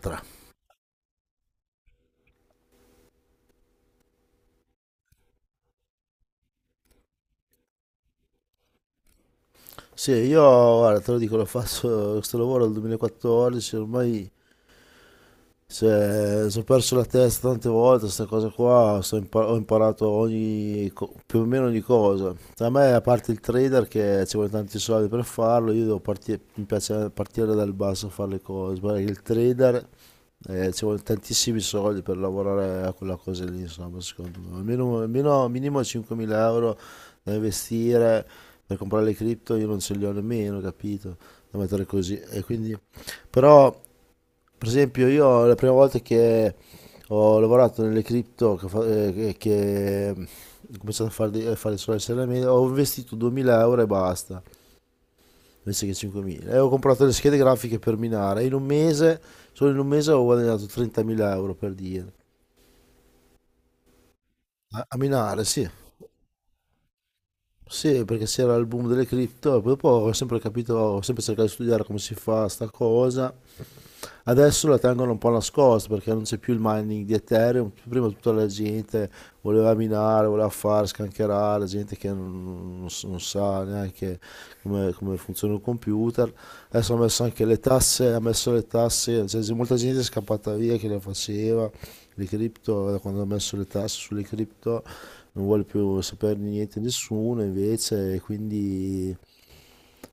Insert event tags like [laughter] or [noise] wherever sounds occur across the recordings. Tra. Sì, io guarda, te lo dico, l'ho fatto questo lavoro dal 2014, ormai. Se ho perso la testa tante volte, questa cosa qua, ho imparato ogni, più o meno ogni cosa. A me, a parte il trader che ci vuole tanti soldi per farlo, io devo partire, mi piace partire dal basso a fare le cose, perché il trader, ci vuole tantissimi soldi per lavorare a quella cosa lì, insomma, secondo me. Almeno minimo 5.000 euro da investire per comprare le cripto, io non ce li ho nemmeno, capito? Da mettere così. E quindi, però... Per esempio, io la prima volta che ho lavorato nelle cripto, che, che ho cominciato a fare, a fare solo SLM, ho investito 2.000 euro e basta, invece che 5.000. E ho comprato le schede grafiche per minare. In un mese, solo in un mese ho guadagnato 30.000 euro, per dire. A minare, sì. Sì, perché c'era il boom delle cripto, e poi dopo ho sempre capito, ho sempre cercato di studiare come si fa sta cosa. Adesso la tengono un po' nascosta perché non c'è più il mining di Ethereum. Prima tutta la gente voleva minare, voleva fare, scancherare, gente che non sa neanche come, funziona un computer. Adesso ha messo anche le tasse, cioè, c'è molta gente è scappata via che le faceva, le cripto, da quando ha messo le tasse sulle cripto non vuole più saperne niente nessuno invece, e quindi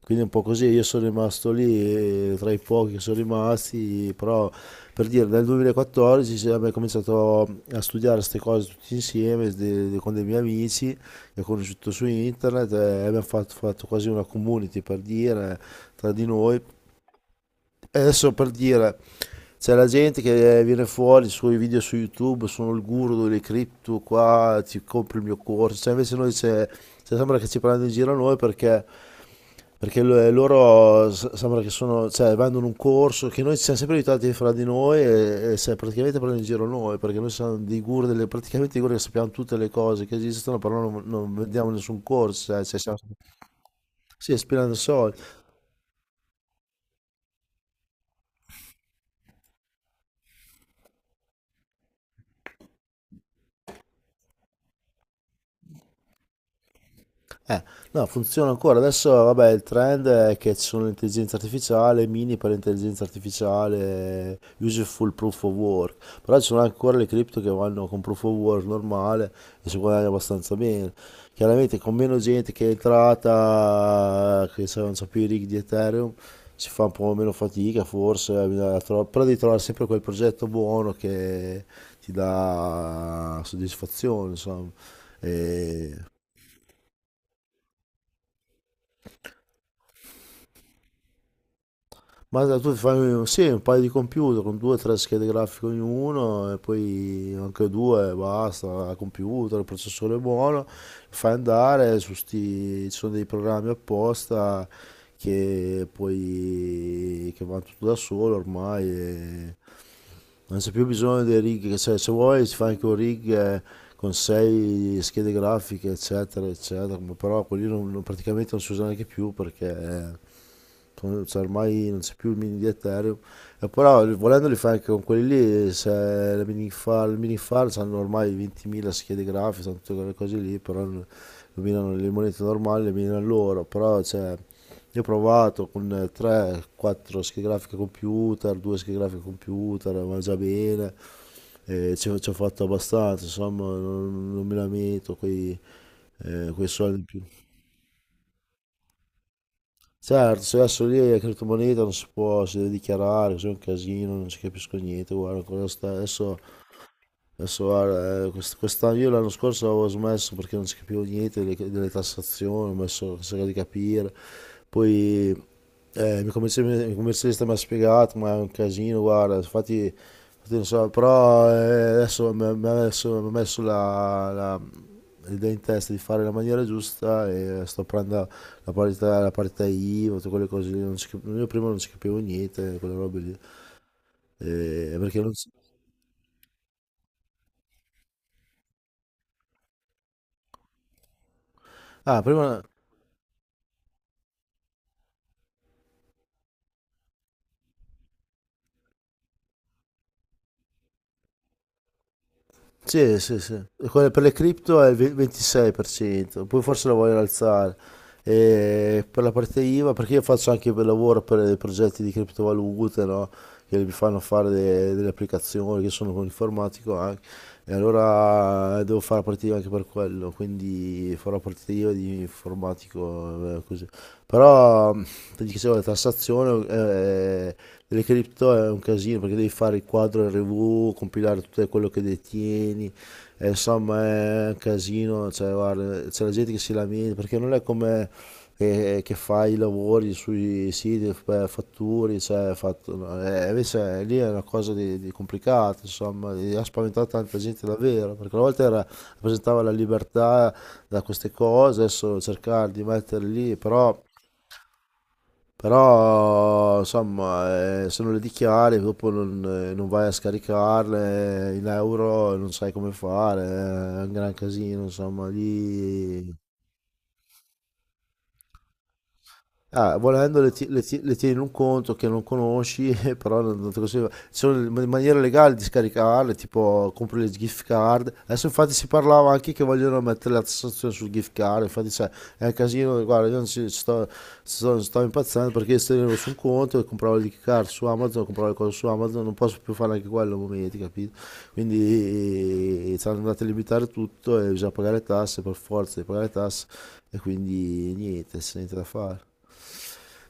quindi è un po' così, io sono rimasto lì, tra i pochi che sono rimasti, però, per dire, nel 2014 abbiamo cominciato a studiare queste cose tutti insieme, con dei miei amici che ho conosciuto su internet, e abbiamo fatto, quasi una community, per dire, tra di noi. E adesso, per dire, c'è la gente che viene fuori, i suoi video su YouTube, sono il guru delle cripto qua, ti compri il mio corso, cioè, invece noi c'è, cioè, sembra che ci prendano in giro noi, perché sembra che sono, cioè, vanno in un corso che noi ci siamo sempre aiutati fra di noi, e, se praticamente prendono in giro noi, perché noi siamo dei guru, delle, praticamente dei guru che sappiamo tutte le cose che esistono, però non, vediamo nessun corso, cioè, siamo, sì, spilando soldi. Eh, no, funziona ancora. Adesso, vabbè, il trend è che ci sono l'intelligenza artificiale, mini per l'intelligenza artificiale, useful proof of work. Però ci sono ancora le cripto che vanno con proof of work normale e si guadagna abbastanza bene. Chiaramente con meno gente che è entrata, che non so più i rig di Ethereum, si fa un po' meno fatica forse, bisogna però devi trovare sempre quel progetto buono che ti dà soddisfazione, insomma. E... Ma tu fai sì, un paio di computer con due o tre schede grafiche ognuno e poi anche due, basta, al computer, il processore è buono, fai andare su sti, ci sono dei programmi apposta che poi che vanno tutto da solo ormai, e non c'è più bisogno dei rig, che se, vuoi si fa anche un rig, con sei schede grafiche eccetera eccetera, ma però quelli praticamente non si usano neanche più perché... sono- cioè, ormai non c'è più il mini di Ethereum. E però volendoli fare anche con quelli lì, se la mini far, hanno ormai 20.000 schede grafiche, sono tutte quelle cose lì, però non- lo minano le monete normali, le minano loro, però cioè, io ho provato con 3-4 schede grafiche computer, 2 schede grafiche computer, va già bene, e ci ho fatto abbastanza, insomma non, mi lamento quei, quei soldi in più. Certo, se adesso lì la criptomoneta non si può, si deve dichiarare, così è un casino, non ci capisco niente, guarda, ancora adesso guarda, quest'anno, io l'anno scorso avevo smesso perché non si capivo niente delle, tassazioni, ho messo a cercare di capire. Poi, il mio commerci- il commercialista mi ha spiegato, ma è un casino, guarda, infatti, non so, però, adesso mi ha messo la, l'idea in testa di fare la maniera giusta, e sto prendendo la parità, IVA, tutte quelle cose lì, non si io prima non ci capivo niente, quelle robe lì. Perché non si- Ah, prima... Sì, e quella per le cripto è il 26%, poi forse la vogliono alzare. E per la parte IVA, perché io faccio anche per lavoro per dei progetti di criptovalute, no? Che mi fanno fare delle applicazioni, che sono un informatico anche. E allora, devo fare la partita IVA anche per quello, quindi farò la partita IVA di informatico, così. Però, ti dicevo, la tassazione delle cripto è un casino perché devi fare il quadro RV, compilare tutto quello che detieni, insomma è un casino, cioè, guarda, c'è la gente che si lamenta perché non è come che, fa i lavori sui siti, fatturi, cioè, no, invece lì è una cosa di, complicata, insomma, e ha spaventato tanta gente davvero, perché una volta era- rappresentava la libertà da queste cose, adesso cercare di mettere lì, però... Però insomma, se non le dichiari, dopo non, non vai a scaricarle, in euro, non sai come fare, è un gran casino, insomma, lì... Ah, volendo le, le tieni in un conto che non conosci, [laughs] però non, te consiglio. Ci sono maniere legali di scaricarle, tipo compri le gift card. Adesso infatti si parlava anche che vogliono mettere la tassazione sul gift card, infatti c'è, è un casino, guarda, io non ci sto impazzendo perché se tenevo su un conto e compravo il card su Amazon, compravo le cose su Amazon, non posso più fare anche quello a momenti, capito? Quindi, ci hanno andato a limitare tutto e bisogna pagare le tasse per forza di pagare le tasse, e quindi niente, c'è niente da fare.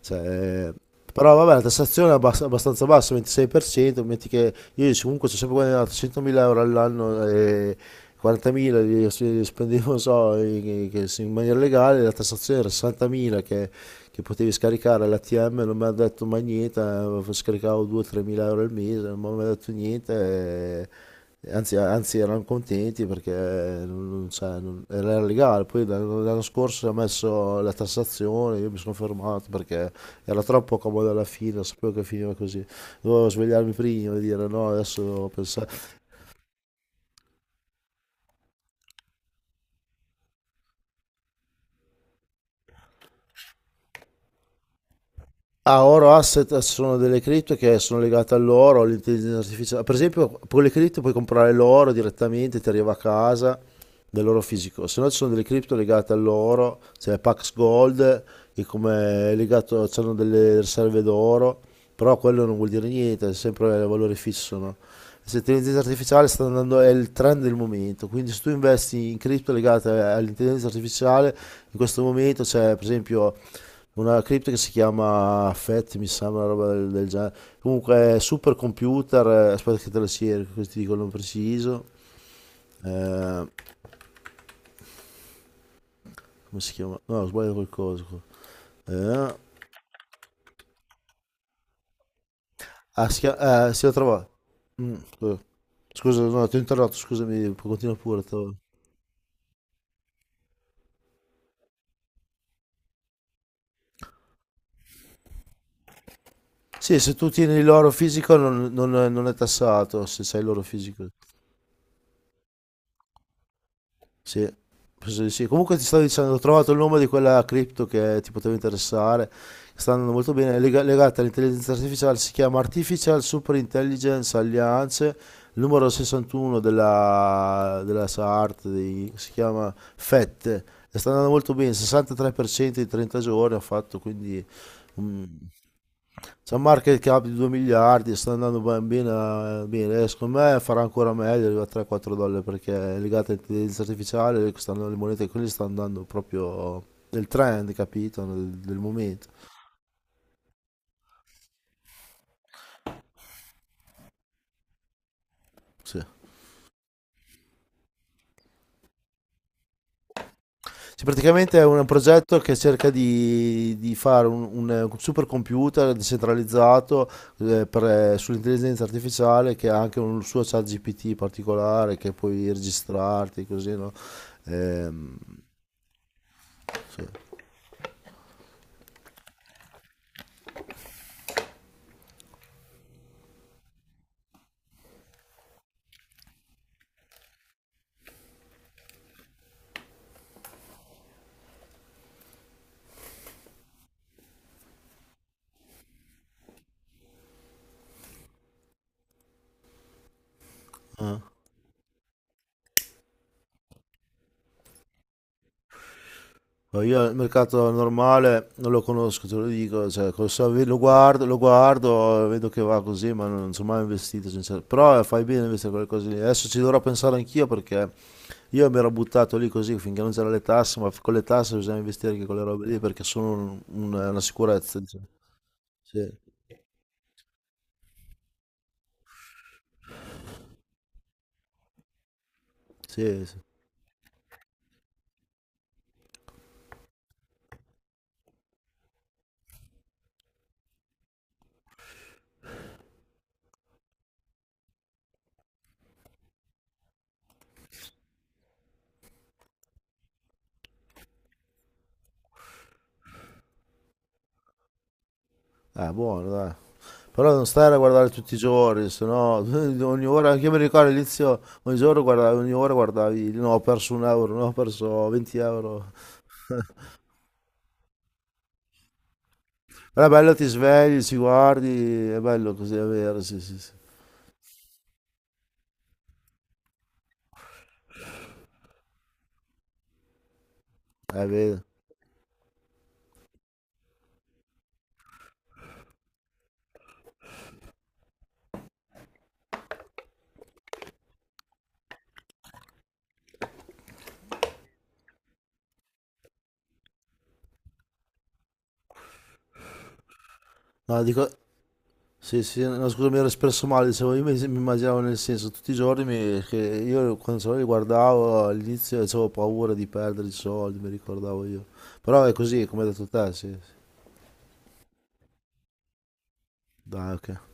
Cioè, però vabbè, la tassazione è abbastanza bassa, 26%, metti che io comunque ci ho sempre guadagnato 100.000 euro all'anno, e 40.000 li spendevo, non so, in, che- in maniera legale, la tassazione era 60.000, che, potevi scaricare all'ATM, non mi ha detto mai niente, scaricavo 2-3.000 euro al mese, non mi ha detto niente. Eh, anzi, erano contenti perché cioè, non- era legale. Poi l'anno scorso ha messo la tassazione, io mi sono fermato perché era troppo comodo alla fine, sapevo che finiva così. Dovevo svegliarmi prima e dire no, adesso pensavo. Ah, oro asset sono delle cripto che sono legate all'oro, all'intelligenza artificiale. Per esempio, con le cripto puoi comprare l'oro direttamente, ti arriva a casa dell'oro fisico. Se no ci sono delle cripto legate all'oro, c'è Pax Gold, che come è legato, hanno delle riserve d'oro, però quello non vuol dire niente, è sempre valore fisso, no? Questa intelligenza artificiale sta andando, è il trend del momento, quindi se tu investi in cripto legate all'intelligenza artificiale, in questo momento c'è per esempio una cripta che si chiama FET, mi sembra, una roba del genere. Comunque, super computer, aspetta che te lo sia, così ti dico il nome preciso. Eh, come si chiama? No, ho sbagliato qualcosa, qua. Eh, ah, si chiama, si lo trova. Mm, scusa, no, ti ho interrotto, scusami, continua pure. Sì, se tu tieni l'oro fisico non, non è tassato, se sai l'oro fisico. Sì, penso di sì. Comunque ti stavo dicendo, ho trovato il nome di quella cripto che ti poteva interessare, che sta andando molto bene, è legata all'intelligenza artificiale, si chiama Artificial Super Intelligence Alliance, il numero 61 della, SART, di- si chiama FET, e sta andando molto bene, 63% in 30 giorni ha fatto, quindi... mm, c'è un market cap di 2 miliardi, sta andando ben bene, bene. Eh, secondo me farà ancora meglio, arriva a 3-4 dollari perché è legata all'intelligenza artificiale, stanno- le monete quelle stanno andando proprio del trend, capito? Del, momento. Sì. Sì, praticamente è un progetto che cerca di, fare un, supercomputer decentralizzato, eh, per- sull'intelligenza artificiale che ha anche un suo chat GPT particolare che puoi registrarti così, no? Ehm, sì. Eh. No, io il mercato normale non lo conosco, te lo dico, cioè, col lo guardo, vedo che va così, ma non, sono mai investito, sincero. Però, fai bene a investire quelle cose lì. Adesso ci dovrò pensare anch'io perché io mi ero buttato lì così finché non c'erano le tasse, ma con le tasse bisogna investire anche con le robe lì perché sono una sicurezza, diciamo. Sì, sì, sì. eh, buono, dai. Però non stare a guardare tutti i giorni, se no [laughs] ogni ora, anche io mi ricordo all'inizio, ogni giorno guardavi, ogni ora guardavi, no, ho perso un euro, no, ho perso 20 euro. Però è bello, ti svegli, ci guardi, è bello così, è vero, sì, sì. È vero. No, dico, sì, no, scusa, mi ero espresso male, dicevo, io mi immaginavo nel senso, tutti i giorni che io quando solo li guardavo all'inizio avevo paura di perdere i soldi, mi ricordavo io. Però è così, come hai detto te, sì. Sì. Dai, ok.